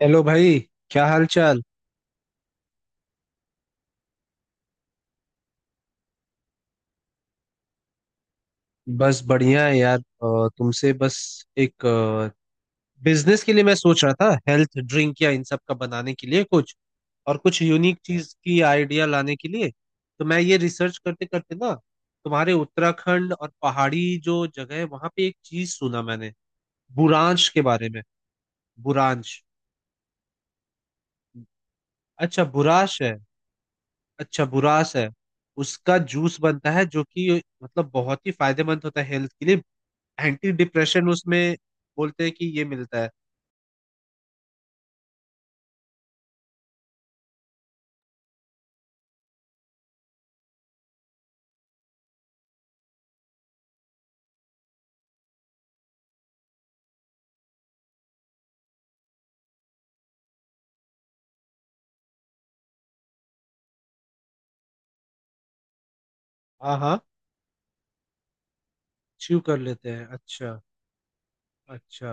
Hello भाई। क्या हाल चाल। बस बढ़िया है यार। तुमसे बस एक बिजनेस के लिए मैं सोच रहा था, हेल्थ ड्रिंक या इन सब का बनाने के लिए कुछ, और कुछ यूनिक चीज की आइडिया लाने के लिए। तो मैं ये रिसर्च करते करते ना, तुम्हारे उत्तराखंड और पहाड़ी जो जगह है वहां पे एक चीज सुना मैंने, बुरांश के बारे में। बुरांश। अच्छा बुराश है। अच्छा बुराश है। उसका जूस बनता है जो कि मतलब बहुत ही फायदेमंद होता है हेल्थ के लिए। एंटी डिप्रेशन उसमें बोलते हैं कि ये मिलता है। हाँ हाँ। च्यू कर लेते हैं। अच्छा। अच्छा।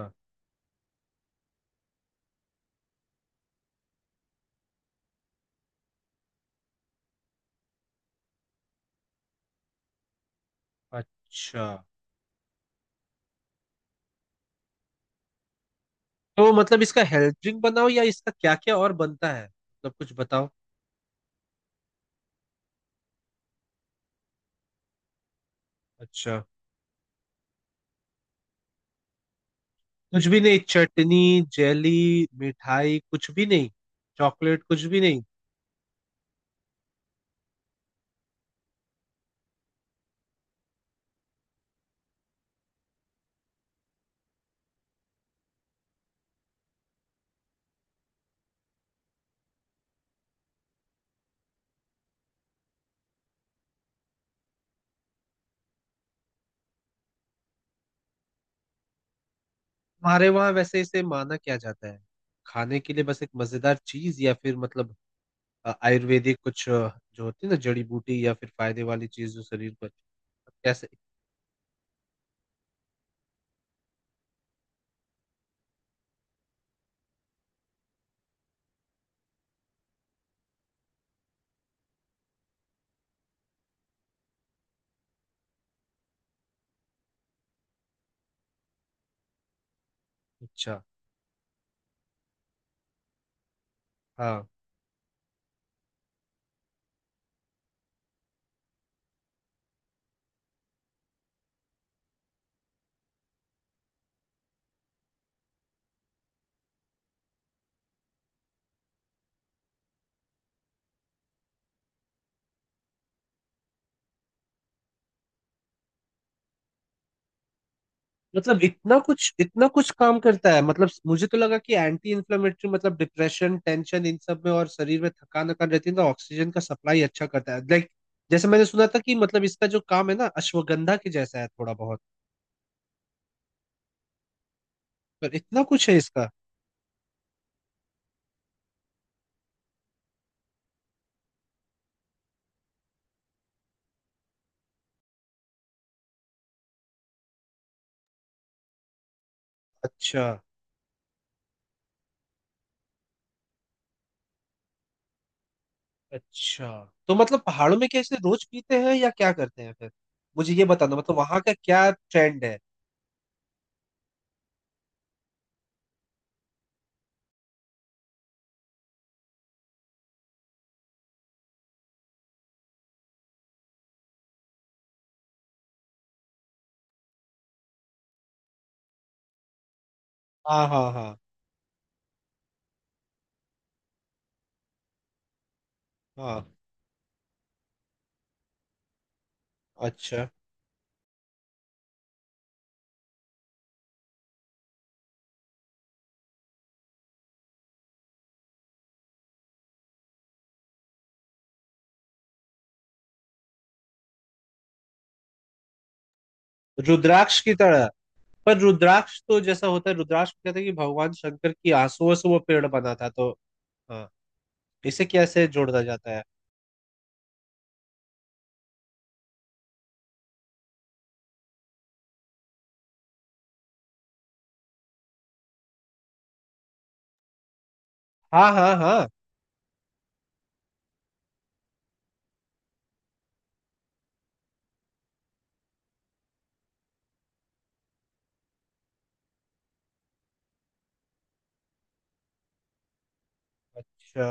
अच्छा, तो मतलब इसका हेल्थ ड्रिंक बनाओ या इसका क्या क्या और बनता है, मतलब कुछ बताओ। अच्छा। कुछ भी नहीं? चटनी, जेली, मिठाई कुछ भी नहीं? चॉकलेट कुछ भी नहीं? हमारे वहाँ वैसे इसे माना क्या जाता है? खाने के लिए बस एक मजेदार चीज, या फिर मतलब आयुर्वेदिक कुछ, जो होती है ना, जड़ी बूटी, या फिर फायदे वाली चीज जो शरीर पर। कैसे? अच्छा। हाँ। मतलब इतना कुछ काम करता है? मतलब मुझे तो लगा कि एंटी इन्फ्लेमेटरी, मतलब डिप्रेशन, टेंशन इन सब में, और शरीर में थकान वकान रहती है तो ऑक्सीजन का सप्लाई अच्छा करता है, लाइक जैसे मैंने सुना था कि मतलब इसका जो काम है ना, अश्वगंधा के जैसा है थोड़ा बहुत, पर इतना कुछ है इसका? अच्छा। अच्छा, तो मतलब पहाड़ों में कैसे रोज पीते हैं या क्या करते हैं फिर? मुझे ये बताना, मतलब वहां का क्या ट्रेंड है? हाँ हाँ हाँ हाँ। अच्छा। रुद्राक्ष की तरह? पर रुद्राक्ष तो जैसा होता है, रुद्राक्ष में कहते हैं कि भगवान शंकर की आंसुओं से वो पेड़ बना था तो। हाँ। इसे कैसे जोड़ा जाता है? हाँ हाँ हाँ। अच्छा।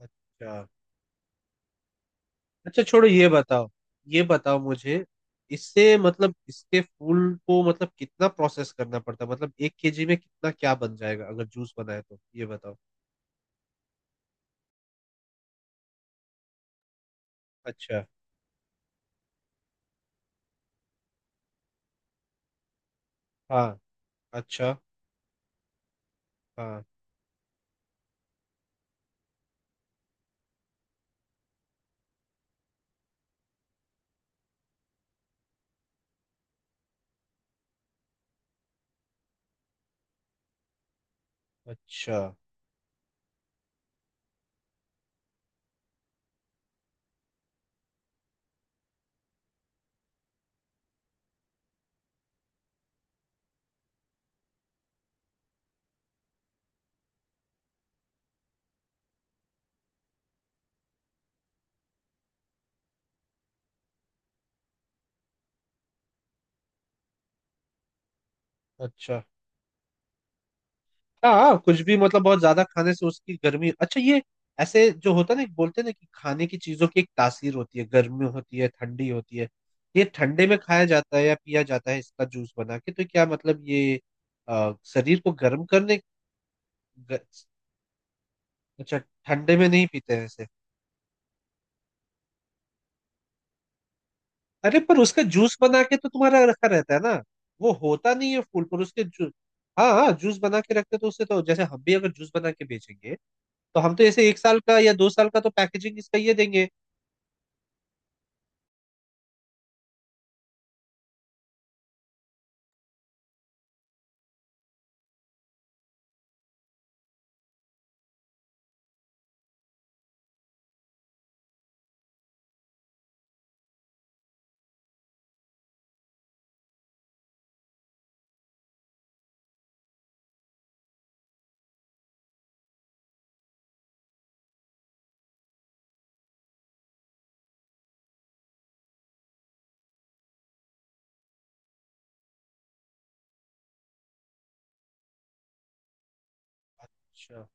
अच्छा। अच्छा छोड़ो, ये बताओ। ये बताओ मुझे, इससे मतलब इसके फूल को मतलब कितना प्रोसेस करना पड़ता है, मतलब 1 केजी में कितना क्या बन जाएगा अगर जूस बनाए, तो ये बताओ। अच्छा। हाँ। अच्छा। हाँ। अच्छा। अच्छा। हाँ हाँ, कुछ भी मतलब बहुत ज्यादा खाने से उसकी गर्मी। अच्छा, ये ऐसे जो होता है ना, बोलते हैं ना कि खाने की चीजों की एक तासीर होती है, गर्मी होती है, ठंडी होती है। ये ठंडे में खाया जाता है या पिया जाता है इसका जूस बना के, तो क्या मतलब ये शरीर को गर्म करने? ग- अच्छा। ठंडे में नहीं पीते हैं इसे? अरे, पर उसका जूस बना के तो तुम्हारा रखा रहता है ना? वो होता नहीं है फूल, पर उसके जू हाँ हाँ, जूस बना के रखते, तो उससे तो, जैसे हम भी अगर जूस बना के बेचेंगे, तो हम तो ऐसे एक साल का या 2 साल का तो पैकेजिंग इसका ये देंगे। अच्छा।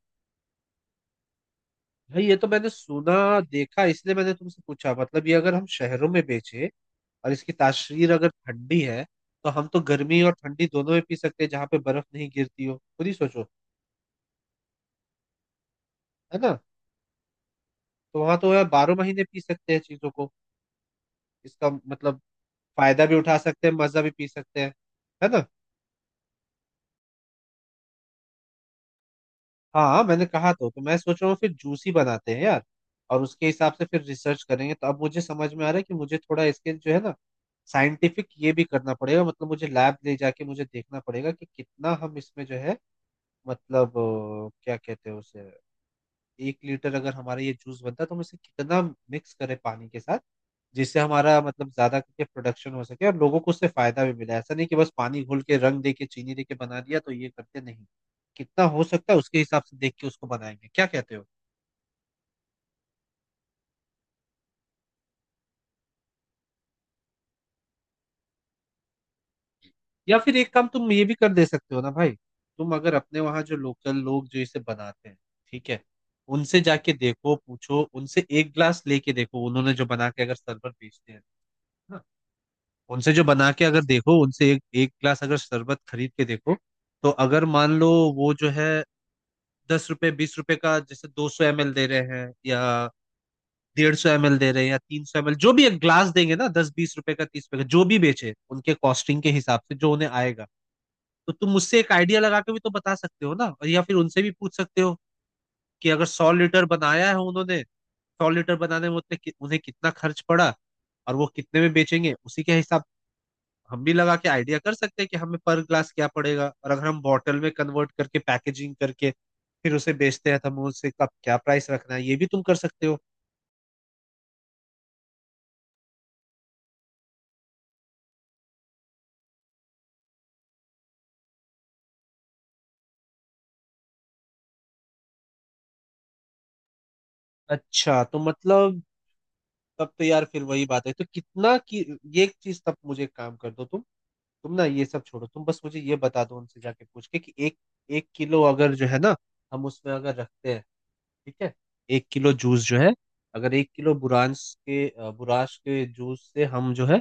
भाई ये तो मैंने सुना, देखा, इसलिए मैंने तुमसे पूछा। मतलब ये अगर हम शहरों में बेचे, और इसकी तासीर अगर ठंडी है, तो हम तो गर्मी और ठंडी दोनों में पी सकते हैं जहाँ पे बर्फ नहीं गिरती हो, खुद ही सोचो। है ना? तो वहां तो यार 12 महीने पी सकते हैं चीजों को। इसका मतलब फायदा भी उठा सकते हैं, मजा भी पी सकते हैं। है ना? हाँ हाँ, मैंने कहा तो मैं सोच रहा हूँ फिर जूस ही बनाते हैं यार, और उसके हिसाब से फिर रिसर्च करेंगे। तो अब मुझे समझ में आ रहा है कि मुझे थोड़ा इसके जो है ना, साइंटिफिक ये भी करना पड़ेगा, मतलब मुझे लैब ले जाके मुझे देखना पड़ेगा कि कितना हम इसमें जो है, मतलब क्या कहते हैं उसे, 1 लीटर अगर हमारा ये जूस बनता है तो हम इसे कितना मिक्स करें पानी के साथ, जिससे हमारा मतलब ज्यादा करके प्रोडक्शन हो सके और लोगों को उससे फायदा भी मिला। ऐसा नहीं कि बस पानी घोल के, रंग दे के, चीनी दे के बना दिया, तो ये करते नहीं। कितना हो सकता है उसके हिसाब से देख के उसको बनाएंगे, क्या कहते हो? या फिर एक काम तुम ये भी कर दे सकते हो ना भाई, तुम अगर अपने वहां जो लोकल लोग जो इसे बनाते हैं, ठीक है, उनसे जाके देखो, पूछो उनसे, एक ग्लास लेके देखो, उन्होंने जो बना के अगर शरबत बेचते हैं ना, उनसे जो बना के अगर देखो, उनसे एक एक ग्लास अगर शरबत खरीद के देखो, तो अगर मान लो वो जो है, 10 रुपए 20 रुपए का जैसे, 200 ML दे रहे हैं, या 150 ML दे रहे हैं, या 300 ML जो भी एक ग्लास देंगे ना, 10-20 रुपए का, 30 रुपए का जो भी बेचे उनके कॉस्टिंग के हिसाब से जो उन्हें आएगा, तो तुम मुझसे एक आइडिया लगा के भी तो बता सकते हो ना, और या फिर उनसे भी पूछ सकते हो कि अगर 100 लीटर बनाया है उन्होंने, 100 लीटर बनाने में उन्हें कितना खर्च पड़ा, और वो कितने में बेचेंगे, उसी के हिसाब हम भी लगा के आइडिया कर सकते हैं कि हमें पर ग्लास क्या पड़ेगा, और अगर हम बॉटल में कन्वर्ट करके, पैकेजिंग करके फिर उसे बेचते हैं, तो हमें उससे कब क्या प्राइस रखना है, ये भी तुम कर सकते हो। अच्छा, तो मतलब तब तो यार फिर वही बात है। तो कितना की ये एक चीज, तब मुझे एक काम कर दो तुम। तुम ना ये सब छोड़ो, तुम बस मुझे ये बता दो उनसे जाके पूछ के कि एक 1 किलो अगर जो है ना, हम उसमें अगर रखते हैं, ठीक है, 1 किलो जूस जो है, अगर 1 किलो बुरांश के बुराश के जूस से हम जो है,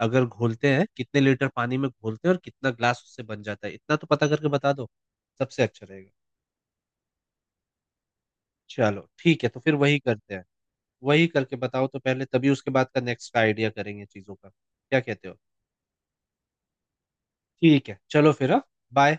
अगर घोलते हैं कितने लीटर पानी में घोलते हैं और कितना ग्लास उससे बन जाता है, इतना तो पता करके बता दो, सबसे अच्छा रहेगा। चलो ठीक है, तो फिर वही करते हैं। वही करके बताओ तो पहले, तभी उसके बाद का नेक्स्ट का आइडिया करेंगे चीज़ों का, क्या कहते हो? ठीक है चलो फिर। हाँ, बाय।